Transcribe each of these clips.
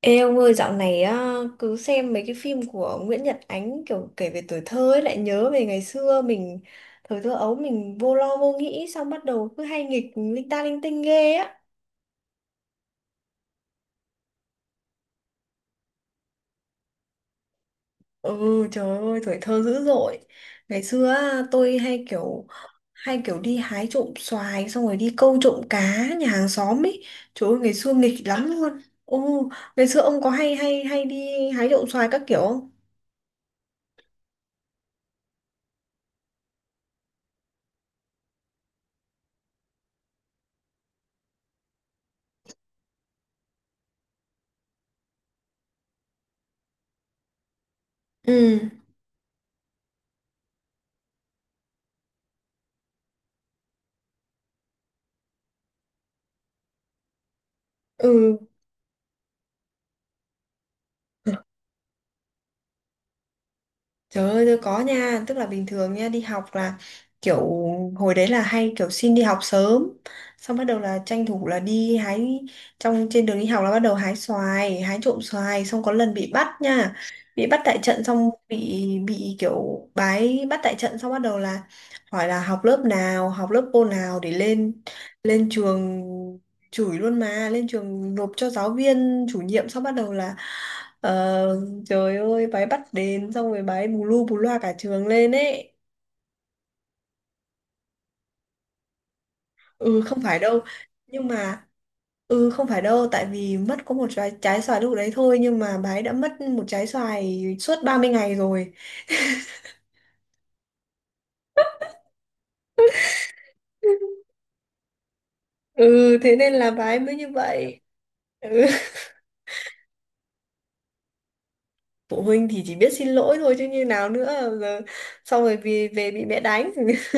Ê ông ơi, dạo này á, cứ xem mấy cái phim của Nguyễn Nhật Ánh kiểu kể về tuổi thơ ấy lại nhớ về ngày xưa mình, thời thơ ấu mình vô lo vô nghĩ, xong bắt đầu cứ hay nghịch linh ta linh tinh ghê á. Ừ trời ơi tuổi thơ dữ dội. Ngày xưa á, tôi hay kiểu đi hái trộm xoài xong rồi đi câu trộm cá nhà hàng xóm ấy. Trời ơi ngày xưa nghịch lắm luôn. Ồ, ngày xưa ông có hay hay hay đi hái trộm xoài các kiểu không? Ừ. Ừ. Trời ơi tôi có nha, tức là bình thường nha đi học là kiểu hồi đấy là hay kiểu xin đi học sớm, xong bắt đầu là tranh thủ là đi hái, trong trên đường đi học là bắt đầu hái xoài, hái trộm xoài xong có lần bị bắt nha. Bị bắt tại trận xong bị kiểu bắt tại trận xong bắt đầu là hỏi là học lớp nào, học lớp cô nào để lên lên trường, chửi luôn mà, lên trường nộp cho giáo viên chủ nhiệm xong bắt đầu là, ờ, Trời ơi, bà ấy bắt đến xong rồi bà ấy bù lu bù loa cả trường lên ấy. Ừ, không phải đâu. Nhưng mà, ừ, không phải đâu. Tại vì mất có một trái xoài lúc đấy thôi. Nhưng mà bà ấy đã mất một trái xoài suốt 30 ngày rồi. Ừ, thế nên là bà ấy mới như vậy. Ừ. Phụ huynh thì chỉ biết xin lỗi thôi chứ như nào nữa. Giờ, xong rồi vì về bị mẹ đánh. Ừ.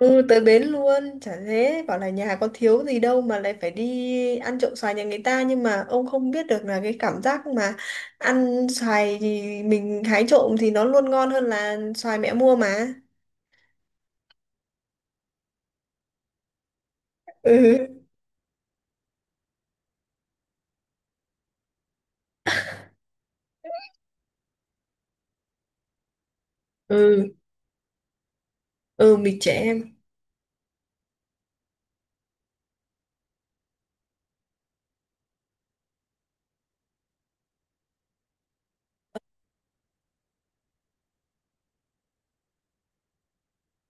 Ừ, tới bến luôn, chả thế, bảo là nhà có thiếu gì đâu mà lại phải đi ăn trộm xoài nhà người ta, nhưng mà ông không biết được là cái cảm giác mà ăn xoài thì mình hái trộm thì nó luôn ngon hơn là xoài mẹ mua mà. Ừ, ừ, ừ, mịt trẻ em.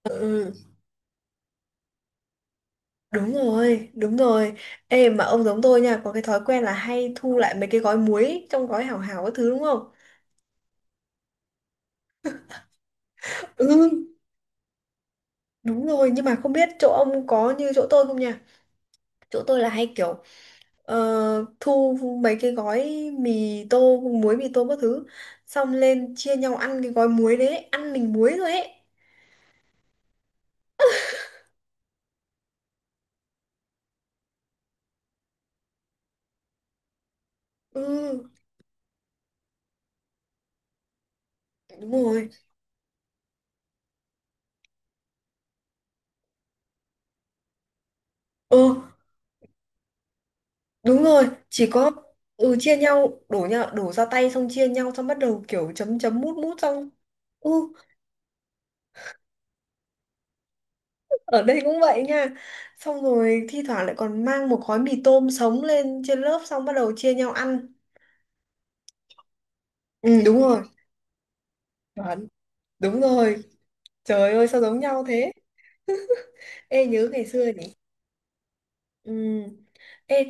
Ừ, ừ, đúng rồi, đúng rồi. Ê, mà ông giống tôi nha, có cái thói quen là hay thu lại mấy cái gói muối ấy, trong gói hảo hảo các thứ đúng không? Ừ, đúng rồi, nhưng mà không biết chỗ ông có như chỗ tôi không nha? Chỗ tôi là hay kiểu, thu mấy cái gói mì tô muối, mì tô các thứ, xong lên chia nhau ăn cái gói muối đấy, ăn mình muối rồi ấy. Ừ, đúng rồi. Ừ, đúng rồi, chỉ có ừ chia nhau, đổ nhau đổ ra tay, xong chia nhau xong bắt đầu kiểu chấm chấm mút mút xong. Ừ, ở đây cũng vậy nha, xong rồi thi thoảng lại còn mang một gói mì tôm sống lên trên lớp xong bắt đầu chia nhau ăn. Ừ, đúng rồi, chuẩn, đúng rồi, trời ơi sao giống nhau thế. Ê, nhớ ngày xưa nhỉ. Ừ. Ê,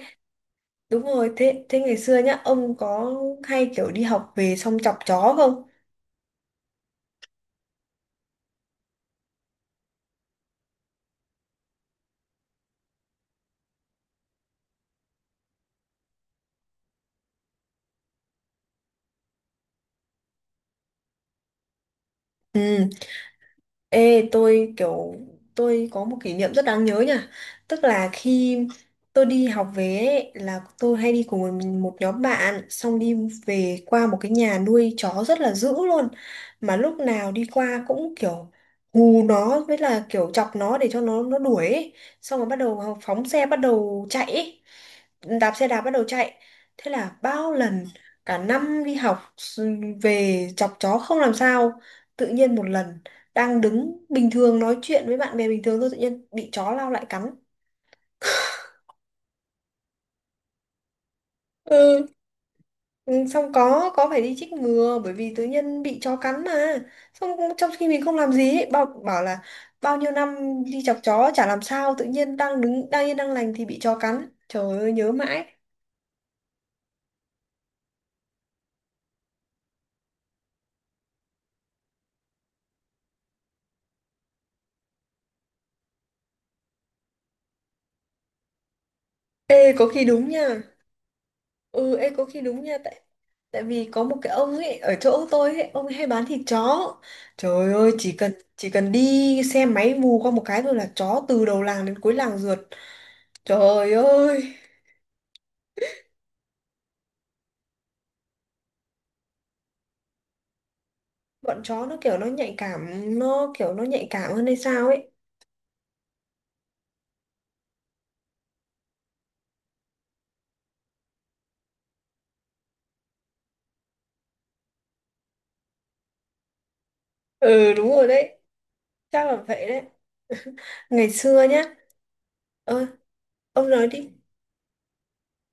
đúng rồi, thế thế ngày xưa nhá ông có hay kiểu đi học về xong chọc chó không? Ừ. Ê, tôi có một kỷ niệm rất đáng nhớ nha. Tức là khi tôi đi học về ấy, là tôi hay đi cùng một một nhóm bạn xong đi về qua một cái nhà nuôi chó rất là dữ luôn. Mà lúc nào đi qua cũng kiểu hù nó, với là kiểu chọc nó để cho nó đuổi ấy. Xong rồi bắt đầu phóng xe bắt đầu chạy ấy. Đạp xe đạp bắt đầu chạy. Thế là bao lần cả năm đi học về chọc chó không làm sao. Tự nhiên một lần đang đứng bình thường nói chuyện với bạn bè bình thường thôi tự nhiên bị chó lao lại cắn. Ừ. Ừ, xong có phải đi chích ngừa bởi vì tự nhiên bị chó cắn mà, xong trong khi mình không làm gì ấy, bảo bảo là bao nhiêu năm đi chọc chó chả làm sao, tự nhiên đang đứng đang yên đang lành thì bị chó cắn, trời ơi nhớ mãi. Ê có khi đúng nha. Ừ, ê có khi đúng nha, tại tại vì có một cái ông ấy ở chỗ tôi ấy, ông ấy hay bán thịt chó. Trời ơi, chỉ cần đi xe máy vù qua một cái thôi là chó từ đầu làng đến cuối làng rượt. Trời ơi, bọn chó nó kiểu nó nhạy cảm, nó kiểu nó nhạy cảm hơn hay sao ấy. Ừ, đúng rồi đấy, chắc là vậy đấy. Ngày xưa nhá, ơ, ông nói đi.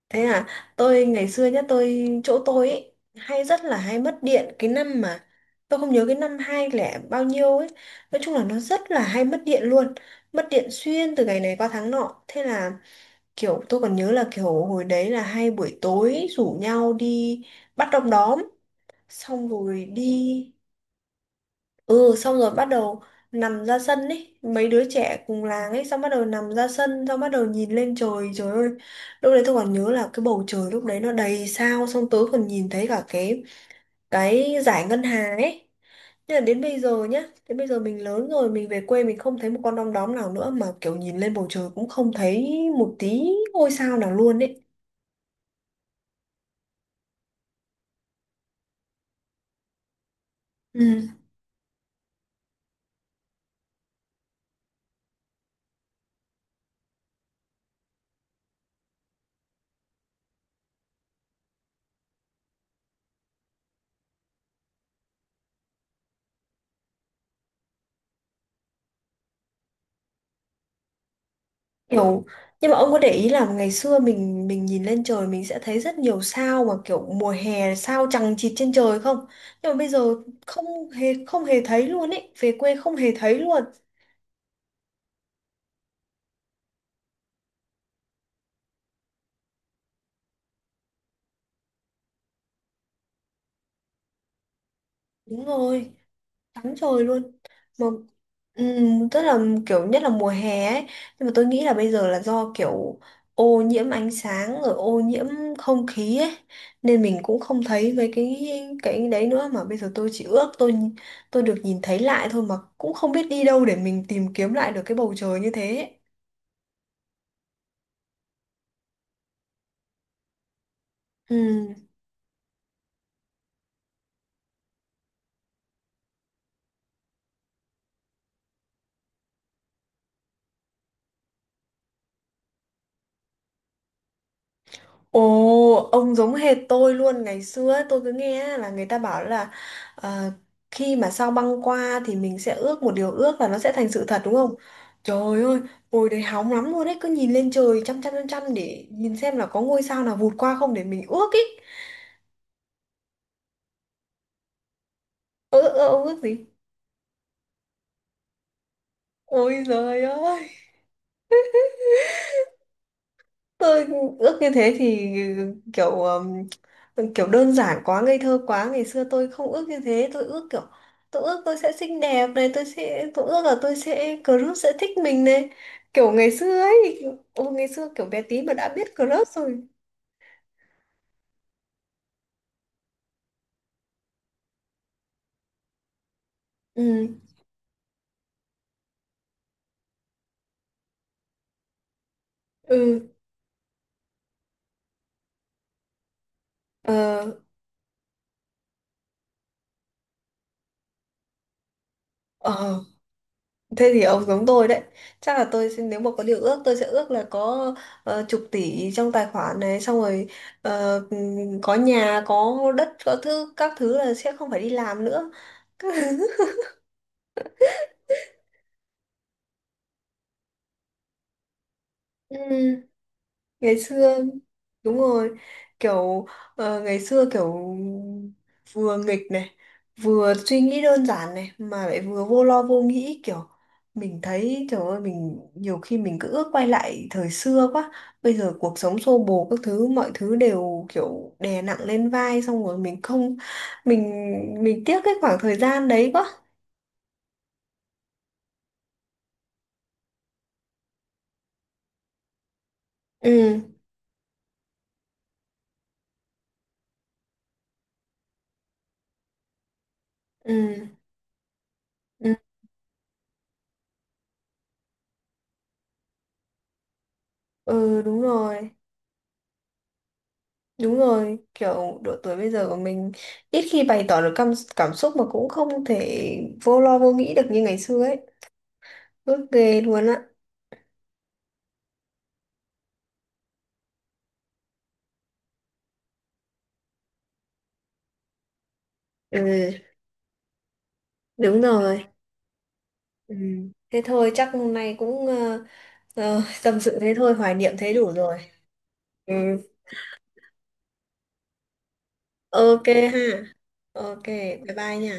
Thế à, tôi ngày xưa nhá, tôi chỗ tôi ấy hay rất là hay mất điện, cái năm mà tôi không nhớ cái năm hai lẻ bao nhiêu ấy. Nói chung là nó rất là hay mất điện luôn. Mất điện xuyên từ ngày này qua tháng nọ. Thế là kiểu tôi còn nhớ là kiểu hồi đấy là hay buổi tối rủ nhau đi bắt đom đóm xong rồi đi. Ừ, xong rồi bắt đầu nằm ra sân ấy, mấy đứa trẻ cùng làng ấy, xong bắt đầu nằm ra sân xong bắt đầu nhìn lên trời. Trời ơi, lúc đấy tôi còn nhớ là cái bầu trời lúc đấy nó đầy sao, xong tớ còn nhìn thấy cả cái dải ngân hà ấy. Nhưng mà đến bây giờ nhá, đến bây giờ mình lớn rồi, mình về quê mình không thấy một con đom đóm nào nữa, mà kiểu nhìn lên bầu trời cũng không thấy một tí ngôi sao nào luôn ấy. Ừ. Kiểu, nhưng mà ông có để ý là ngày xưa mình nhìn lên trời mình sẽ thấy rất nhiều sao mà kiểu mùa hè sao chằng chịt trên trời không? Nhưng mà bây giờ không hề thấy luôn ấy, về quê không hề thấy luôn. Đúng rồi, trắng trời luôn. Mà tức là kiểu nhất là mùa hè ấy, nhưng mà tôi nghĩ là bây giờ là do kiểu ô nhiễm ánh sáng rồi ô nhiễm không khí ấy, nên mình cũng không thấy mấy cái đấy nữa, mà bây giờ tôi chỉ ước tôi được nhìn thấy lại thôi, mà cũng không biết đi đâu để mình tìm kiếm lại được cái bầu trời như thế. Ồ, ông giống hệt tôi luôn ngày xưa ấy, tôi cứ nghe á, là người ta bảo là, ờ, khi mà sao băng qua thì mình sẽ ước một điều ước là nó sẽ thành sự thật đúng không? Trời ơi, hồi đấy hóng lắm luôn đấy, cứ nhìn lên trời chăm chăm chăm chăm để nhìn xem là có ngôi sao nào vụt qua không để mình ước ý. Ơ ơ, ông ước gì? Ôi giời ơi. Tôi ước như thế thì kiểu kiểu đơn giản quá ngây thơ quá, ngày xưa tôi không ước như thế, tôi ước kiểu tôi ước tôi sẽ xinh đẹp này, tôi sẽ tôi ước là tôi sẽ crush sẽ thích mình này, kiểu ngày xưa ấy. Ôi ngày xưa kiểu bé tí mà đã biết crush rồi. Ừ. Ừ. Ờ. Ờ. Thế thì ông giống tôi đấy. Chắc là tôi sẽ- nếu mà có điều ước tôi sẽ ước là có, chục tỷ trong tài khoản này, xong rồi, có nhà, có đất, có thứ các thứ là sẽ không phải đi làm nữa. Ừ. Ngày xưa, đúng rồi, kiểu ngày xưa kiểu vừa nghịch này vừa suy nghĩ đơn giản này mà lại vừa vô lo vô nghĩ, kiểu mình thấy trời ơi mình nhiều khi mình cứ ước quay lại thời xưa quá, bây giờ cuộc sống xô bồ các thứ, mọi thứ đều kiểu đè nặng lên vai, xong rồi mình không mình mình tiếc cái khoảng thời gian đấy quá. Ừ. Ừ. Ừ. Ừ, đúng rồi. Đúng rồi, kiểu độ tuổi bây giờ của mình ít khi bày tỏ được cảm, cảm xúc mà cũng không thể vô lo vô nghĩ được như ngày xưa ấy. Ước ghê luôn á. Ừ, đúng rồi. Ừ. Thế thôi, chắc hôm nay cũng, tâm sự thế thôi, hoài niệm thế đủ rồi. Ừ, ok ha. Ok, bye bye nha.